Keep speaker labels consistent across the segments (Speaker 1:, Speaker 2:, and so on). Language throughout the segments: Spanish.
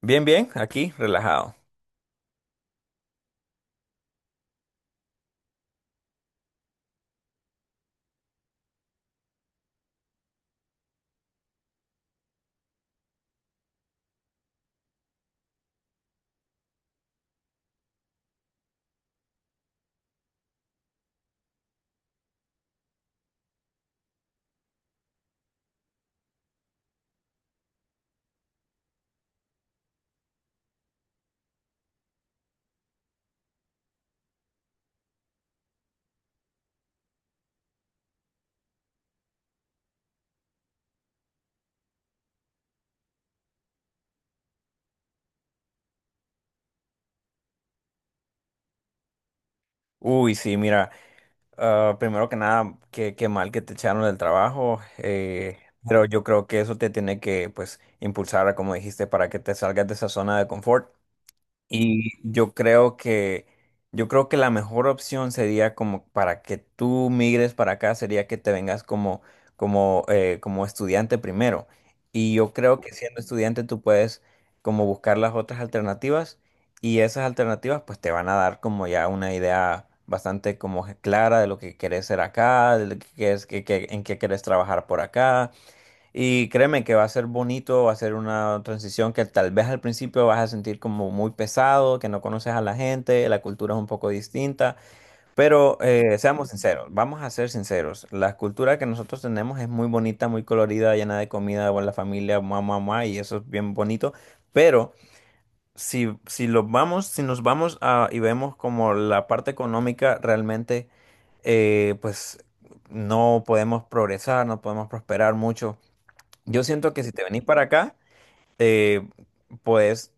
Speaker 1: Bien, bien, aquí, relajado. Uy, sí, mira, primero que nada, qué mal que te echaron del trabajo, pero yo creo que eso te tiene que, pues, impulsar, como dijiste, para que te salgas de esa zona de confort. Y yo creo que la mejor opción sería como para que tú migres para acá, sería que te vengas como estudiante primero. Y yo creo que siendo estudiante tú puedes como buscar las otras alternativas y esas alternativas pues te van a dar como ya una idea bastante como clara de lo que querés ser acá, de lo que quieres, en qué querés trabajar por acá. Y créeme que va a ser bonito, va a ser una transición que tal vez al principio vas a sentir como muy pesado, que no conoces a la gente, la cultura es un poco distinta, pero seamos sinceros, vamos a ser sinceros, la cultura que nosotros tenemos es muy bonita, muy colorida, llena de comida, buena familia, mamá, mamá, y eso es bien bonito, pero si lo vamos, si nos vamos y vemos como la parte económica realmente, pues no podemos progresar, no podemos prosperar mucho. Yo siento que si te venís para acá, eh, pues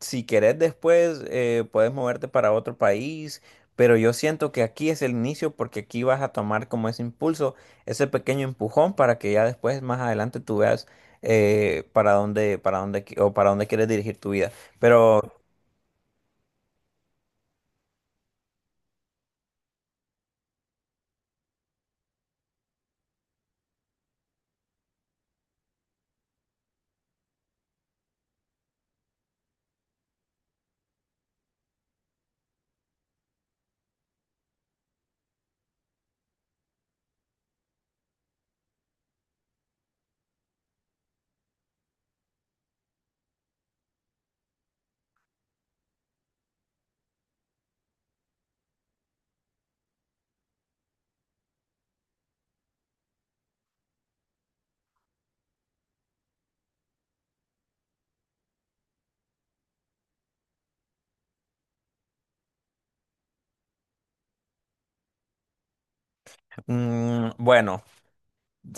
Speaker 1: si querés después puedes moverte para otro país, pero yo siento que aquí es el inicio porque aquí vas a tomar como ese impulso, ese pequeño empujón para que ya después más adelante tú veas para dónde quieres dirigir tu vida. Pero bueno,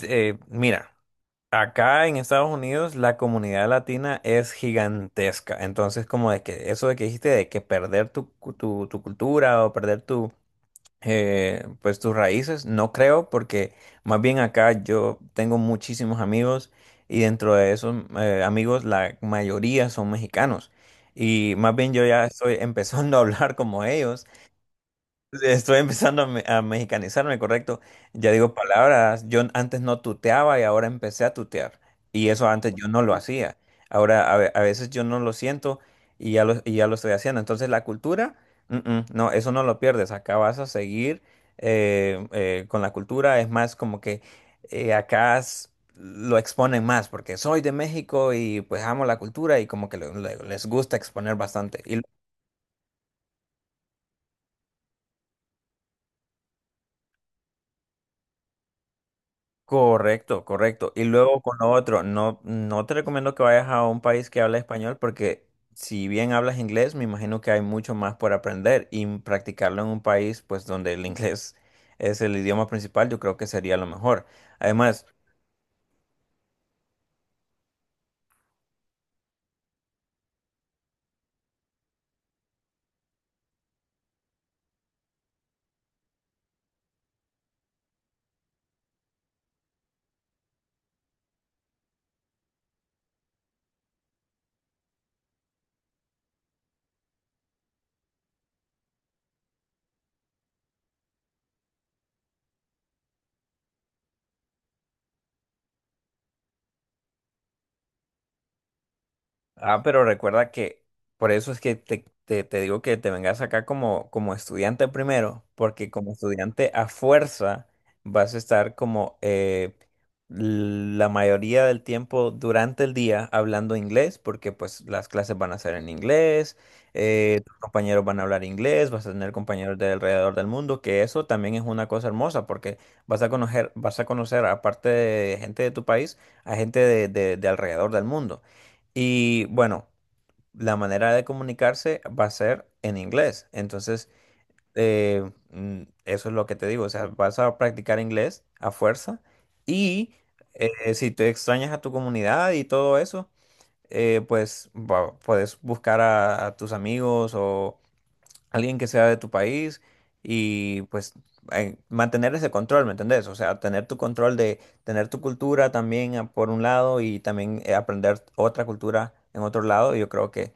Speaker 1: mira. Acá en Estados Unidos la comunidad latina es gigantesca. Entonces, como de que eso de que dijiste de que perder tu cultura o perder tu pues tus raíces, no creo, porque más bien acá yo tengo muchísimos amigos y dentro de esos amigos la mayoría son mexicanos. Y más bien yo ya estoy empezando a hablar como ellos. Estoy empezando a mexicanizarme, correcto. Ya digo palabras. Yo antes no tuteaba y ahora empecé a tutear. Y eso antes yo no lo hacía. Ahora a veces yo no lo siento y ya lo estoy haciendo. Entonces la cultura, no, eso no lo pierdes. Acá vas a seguir con la cultura. Es más como que acá lo exponen más porque soy de México y pues amo la cultura y como que les gusta exponer bastante. Y correcto, correcto. Y luego con lo otro, no te recomiendo que vayas a un país que habla español porque si bien hablas inglés, me imagino que hay mucho más por aprender y practicarlo en un país pues donde el inglés es el idioma principal, yo creo que sería lo mejor. Además, pero recuerda que por eso es que te digo que te vengas acá como, como estudiante primero, porque como estudiante a fuerza vas a estar como la mayoría del tiempo durante el día hablando inglés, porque pues las clases van a ser en inglés, tus compañeros van a hablar inglés, vas a tener compañeros de alrededor del mundo, que eso también es una cosa hermosa, porque vas a conocer aparte de gente de tu país, a gente de alrededor del mundo. Y bueno, la manera de comunicarse va a ser en inglés. Entonces, eso es lo que te digo. O sea, vas a practicar inglés a fuerza. Y si te extrañas a tu comunidad y todo eso, pues puedes buscar a tus amigos o, alguien que sea de tu país y pues mantener ese control, ¿me entendés? O sea, tener tu control de tener tu cultura también por un lado y también aprender otra cultura en otro lado. Yo creo que.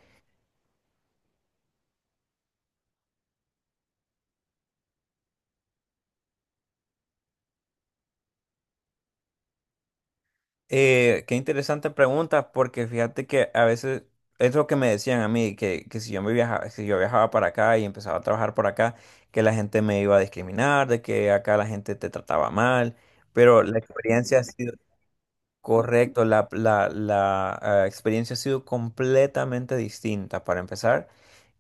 Speaker 1: Eh, qué interesante pregunta porque fíjate que a veces es lo que me decían a mí, que si yo me viajaba, si yo viajaba para acá y empezaba a trabajar por acá, que la gente me iba a discriminar, de que acá la gente te trataba mal, pero la experiencia ha sido. Correcto, experiencia ha sido completamente distinta. Para empezar,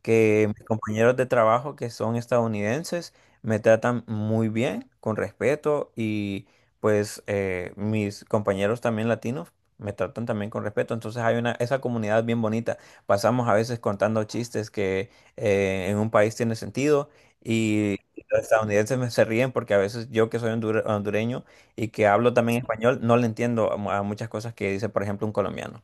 Speaker 1: que mis compañeros de trabajo que son estadounidenses me tratan muy bien, con respeto, y pues mis compañeros también latinos me tratan también con respeto. Entonces hay una, esa comunidad bien bonita. Pasamos a veces contando chistes que en un país tiene sentido y los estadounidenses me se ríen porque a veces yo que soy hondureño y que hablo también español, no le entiendo a muchas cosas que dice, por ejemplo, un colombiano.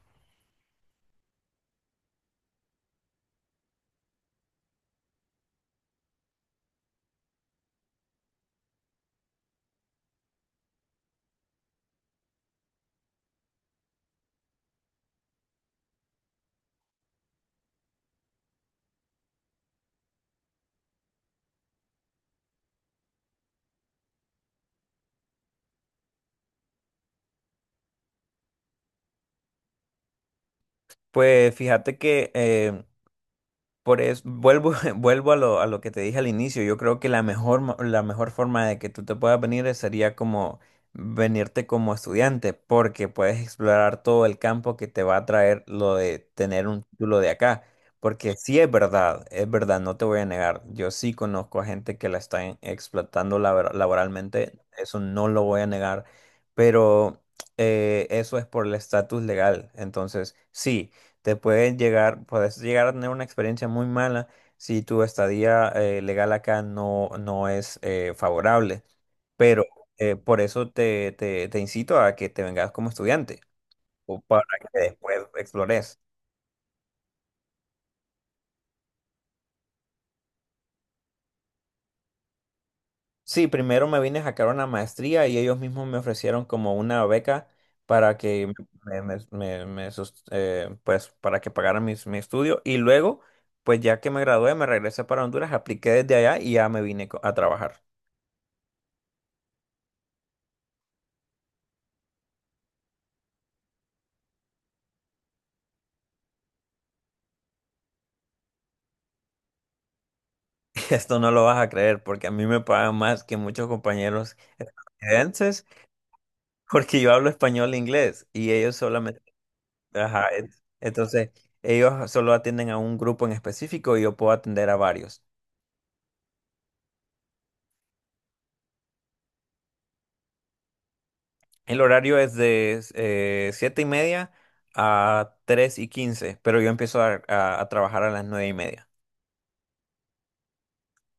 Speaker 1: Pues fíjate que por eso, vuelvo, vuelvo a lo que te dije al inicio. Yo creo que la mejor forma de que tú te puedas venir sería como venirte como estudiante, porque puedes explorar todo el campo que te va a traer lo de tener un título de acá. Porque sí es verdad, no te voy a negar. Yo sí conozco a gente que la está explotando laboralmente, eso no lo voy a negar, pero eso es por el estatus legal. Entonces, sí te pueden llegar, puedes llegar a tener una experiencia muy mala si tu estadía legal acá no es favorable. Pero por eso te incito a que te vengas como estudiante o para que después explores. Sí, primero me vine a sacar una maestría y ellos mismos me ofrecieron como una beca para que pues para que pagara mi estudio y luego pues ya que me gradué me regresé para Honduras, apliqué desde allá y ya me vine a trabajar. Esto no lo vas a creer porque a mí me pagan más que muchos compañeros estadounidenses porque yo hablo español e inglés y ellos solamente... Ajá, entonces, ellos solo atienden a un grupo en específico y yo puedo atender a varios. El horario es de 7:30 a 3:15, pero yo empiezo a trabajar a las 9:30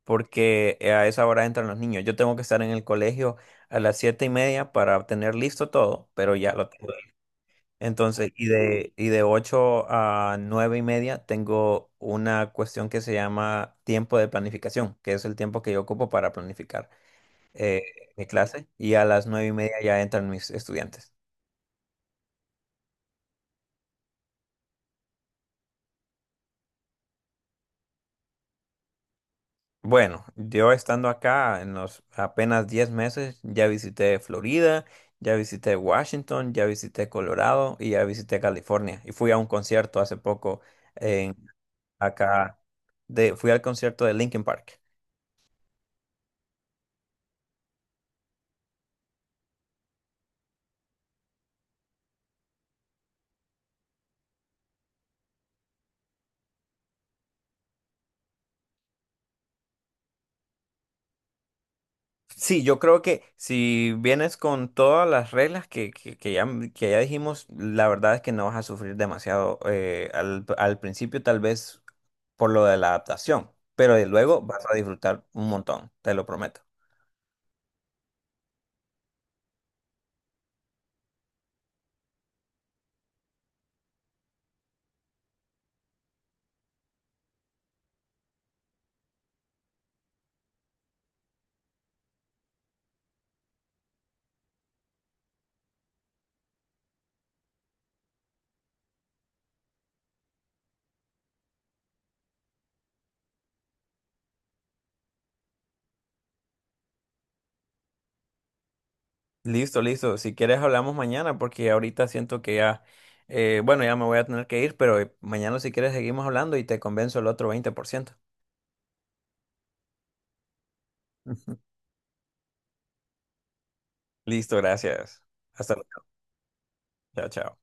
Speaker 1: porque a esa hora entran los niños. Yo tengo que estar en el colegio a las 7:30 para tener listo todo, pero ya lo tengo. Entonces, y de 8:00 a 9:30 tengo una cuestión que se llama tiempo de planificación, que es el tiempo que yo ocupo para planificar eh, mi clase, y a las 9:30 ya entran mis estudiantes. Bueno, yo estando acá en los apenas 10 meses, ya visité Florida, ya visité Washington, ya visité Colorado y ya visité California. Y fui a un concierto hace poco en acá, de, fui al concierto de Linkin Park. Sí, yo creo que si vienes con todas las reglas que ya dijimos, la verdad es que no vas a sufrir demasiado al principio, tal vez por lo de la adaptación, pero de luego vas a disfrutar un montón, te lo prometo. Listo, listo. Si quieres hablamos mañana porque ahorita siento que ya, bueno, ya me voy a tener que ir, pero mañana si quieres seguimos hablando y te convenzo el otro 20%. Listo, gracias. Hasta luego. Chao, chao.